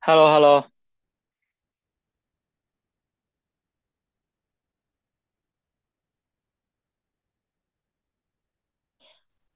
h e l l o h e l l o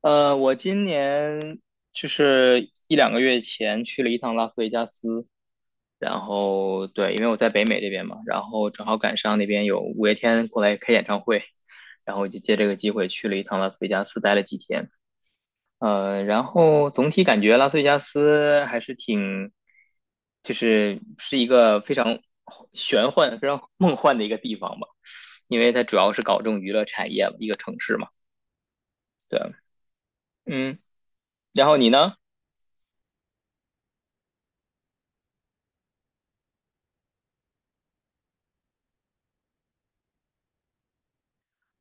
我今年就是一两个月前去了一趟拉斯维加斯，然后对，因为我在北美这边嘛，然后正好赶上那边有五月天过来开演唱会，然后我就借这个机会去了一趟拉斯维加斯，待了几天。然后总体感觉拉斯维加斯还是挺，就是一个非常玄幻、非常梦幻的一个地方吧，因为它主要是搞这种娱乐产业，一个城市嘛。对。嗯。然后你呢？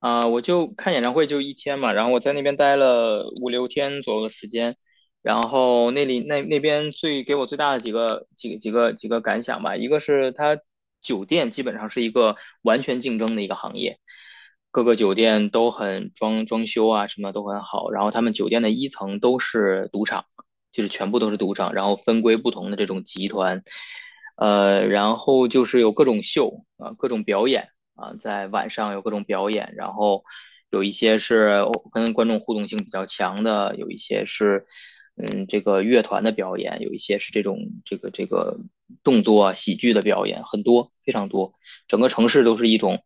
啊、我就看演唱会就一天嘛，然后我在那边待了五六天左右的时间，然后那里那那边最给我最大的几个感想吧，一个是它酒店基本上是一个完全竞争的一个行业，各个酒店都很装修啊什么都很好，然后他们酒店的一层都是赌场，就是全部都是赌场，然后分归不同的这种集团。然后就是有各种秀啊、各种表演。啊、在晚上有各种表演，然后有一些是跟观众互动性比较强的，有一些是这个乐团的表演，有一些是这种这个动作啊喜剧的表演，很多非常多，整个城市都是一种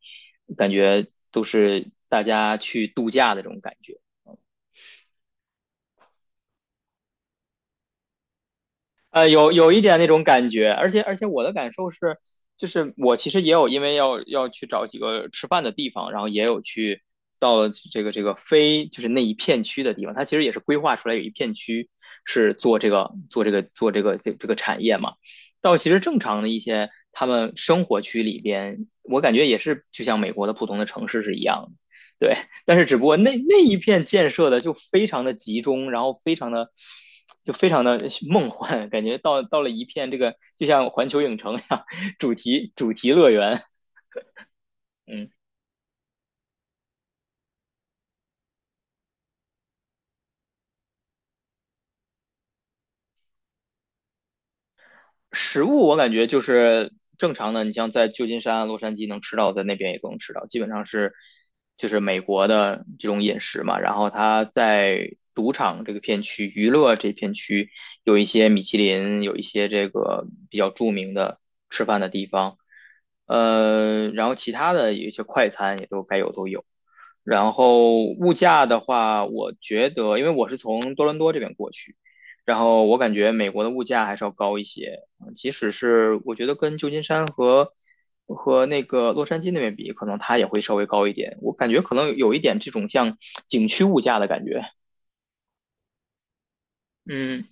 感觉，都是大家去度假的这种感觉。有一点那种感觉，而且我的感受是，就是我其实也有因为要去找几个吃饭的地方，然后也有去到了这个这个非就是那一片区的地方，它其实也是规划出来有一片区是做这个做这个做这个这这个产业嘛。到其实正常的一些他们生活区里边，我感觉也是就像美国的普通的城市是一样的。对。但是只不过那一片建设的就非常的集中，然后非常的梦幻，感觉到了一片这个就像环球影城一样主题乐园。嗯。食物我感觉就是正常的，你像在旧金山、洛杉矶能吃到，在那边也都能吃到，基本上就是美国的这种饮食嘛。然后它在赌场这个片区、娱乐这片区有一些米其林，有一些这个比较著名的吃饭的地方。然后其他的有一些快餐也都该有都有。然后物价的话，我觉得因为我是从多伦多这边过去。然后我感觉美国的物价还是要高一些，即使是我觉得跟旧金山和那个洛杉矶那边比，可能它也会稍微高一点。我感觉可能有一点这种像景区物价的感觉。嗯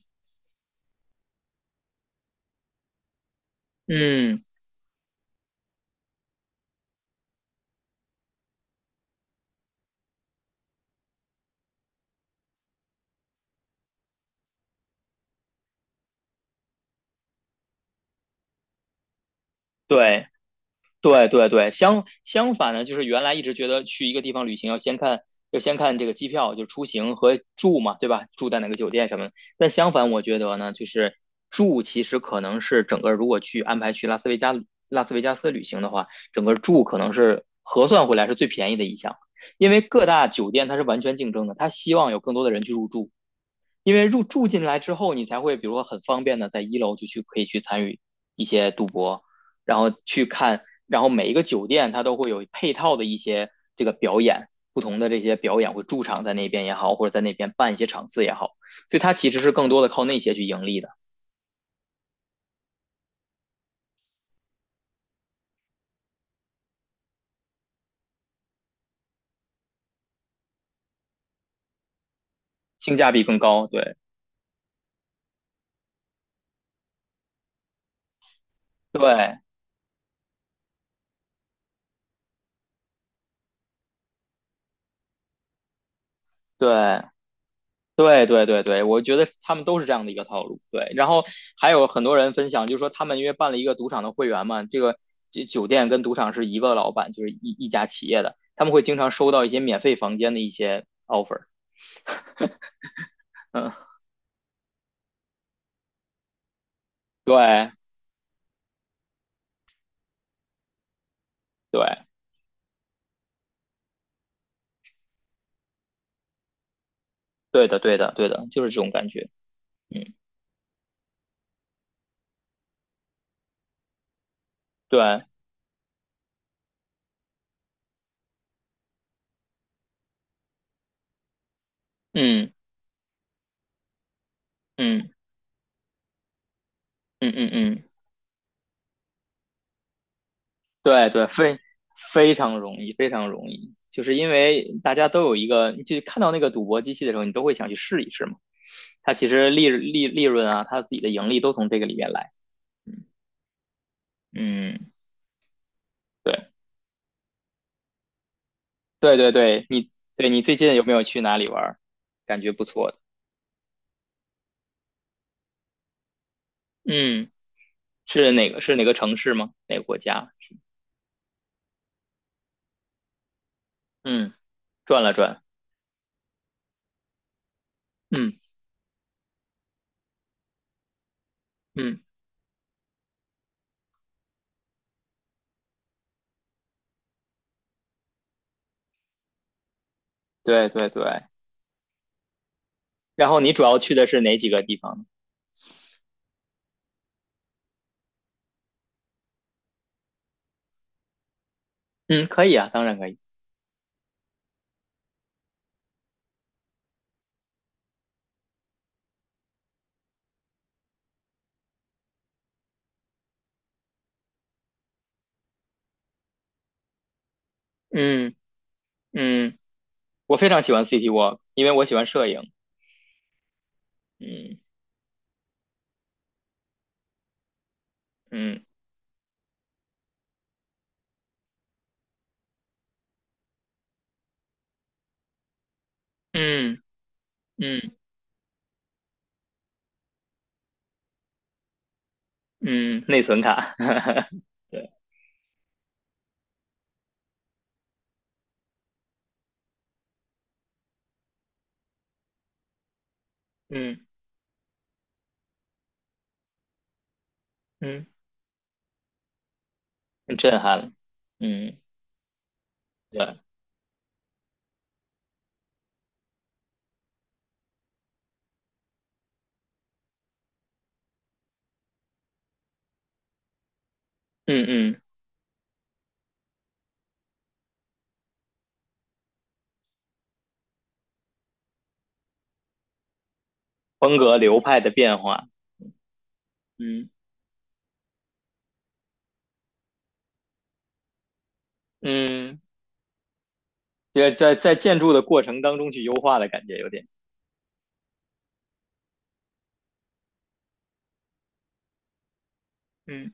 嗯。对。对对对，相反呢，就是原来一直觉得去一个地方旅行要先看这个机票，就出行和住嘛，对吧？住在哪个酒店什么的。但相反，我觉得呢，就是住其实可能是整个如果去安排去拉斯维加斯旅行的话，整个住可能是核算回来是最便宜的一项，因为各大酒店它是完全竞争的，它希望有更多的人去入住。因为入住进来之后，你才会比如说很方便的在一楼就去可以去参与一些赌博，然后去看，然后每一个酒店它都会有配套的一些这个表演，不同的这些表演会驻场在那边也好，或者在那边办一些场次也好，所以它其实是更多的靠那些去盈利的，性价比更高。对对对对对对对，我觉得他们都是这样的一个套路。对。然后还有很多人分享，就是说他们因为办了一个赌场的会员嘛，这酒店跟赌场是一个老板，就是一家企业的，他们会经常收到一些免费房间的一些 offer。嗯。对对对的对的对的，就是这种感觉。嗯。对。嗯嗯嗯嗯嗯。对对，非常容易，非常容易，就是因为大家都有一个，你就看到那个赌博机器的时候，你都会想去试一试嘛。它其实利润啊，它自己的盈利都从这个里面来。嗯。对对对对，你最近有没有去哪里玩儿？感觉不错的。嗯，是哪个城市吗？哪个国家？嗯，转了转。嗯嗯。对对对。然后你主要去的是哪几个地方呢？嗯，可以啊，当然可以。嗯嗯。我非常喜欢 City Walk，因为我喜欢摄影。嗯嗯嗯嗯嗯，内存卡。对。嗯嗯。很震撼了。嗯。对。嗯嗯。风格流派的变化。嗯嗯，在建筑的过程当中去优化的感觉有点。嗯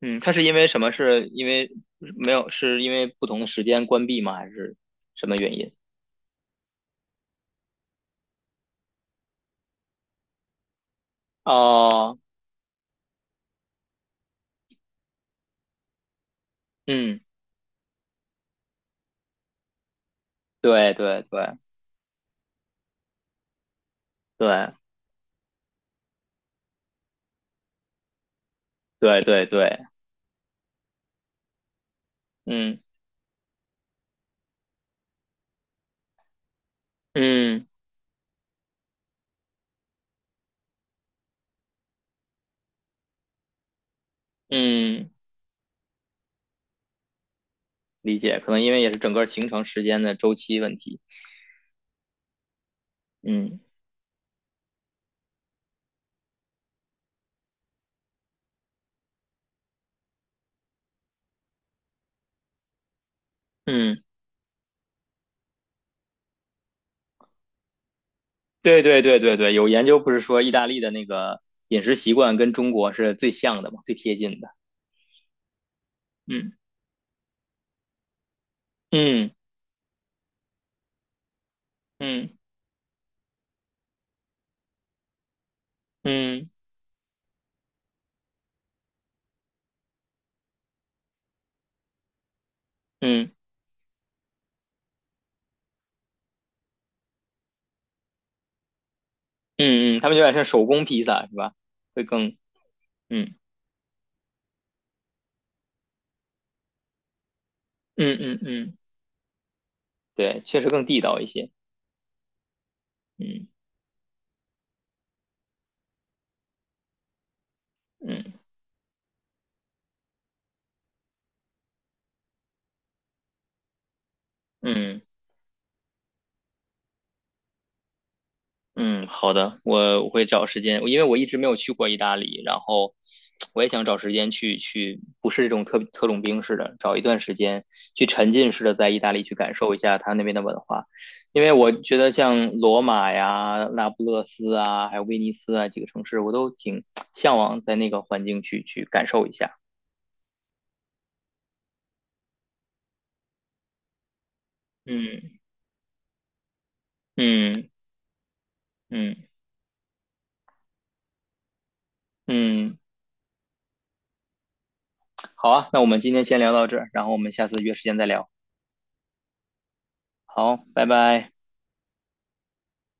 嗯。它是因为什么？是因为没有？是因为不同的时间关闭吗？还是什么原因？哦。嗯。对对对对对对对。嗯嗯。嗯，理解，可能因为也是整个行程时间的周期问题。嗯嗯，对对对对对，有研究不是说意大利的那个饮食习惯跟中国是最像的嘛，最贴近的。嗯嗯嗯嗯嗯嗯嗯，他们有点像手工披萨是吧？会更。嗯嗯嗯嗯。对，确实更地道一些。嗯嗯嗯。嗯，好的，我会找时间，因为我一直没有去过意大利，然后我也想找时间去去，不是这种特种兵式的，找一段时间去沉浸式的在意大利去感受一下他那边的文化，因为我觉得像罗马呀、那不勒斯啊，还有威尼斯啊几个城市，我都挺向往在那个环境去去感受一下。嗯嗯嗯嗯，好啊，那我们今天先聊到这儿，然后我们下次约时间再聊。好，拜拜。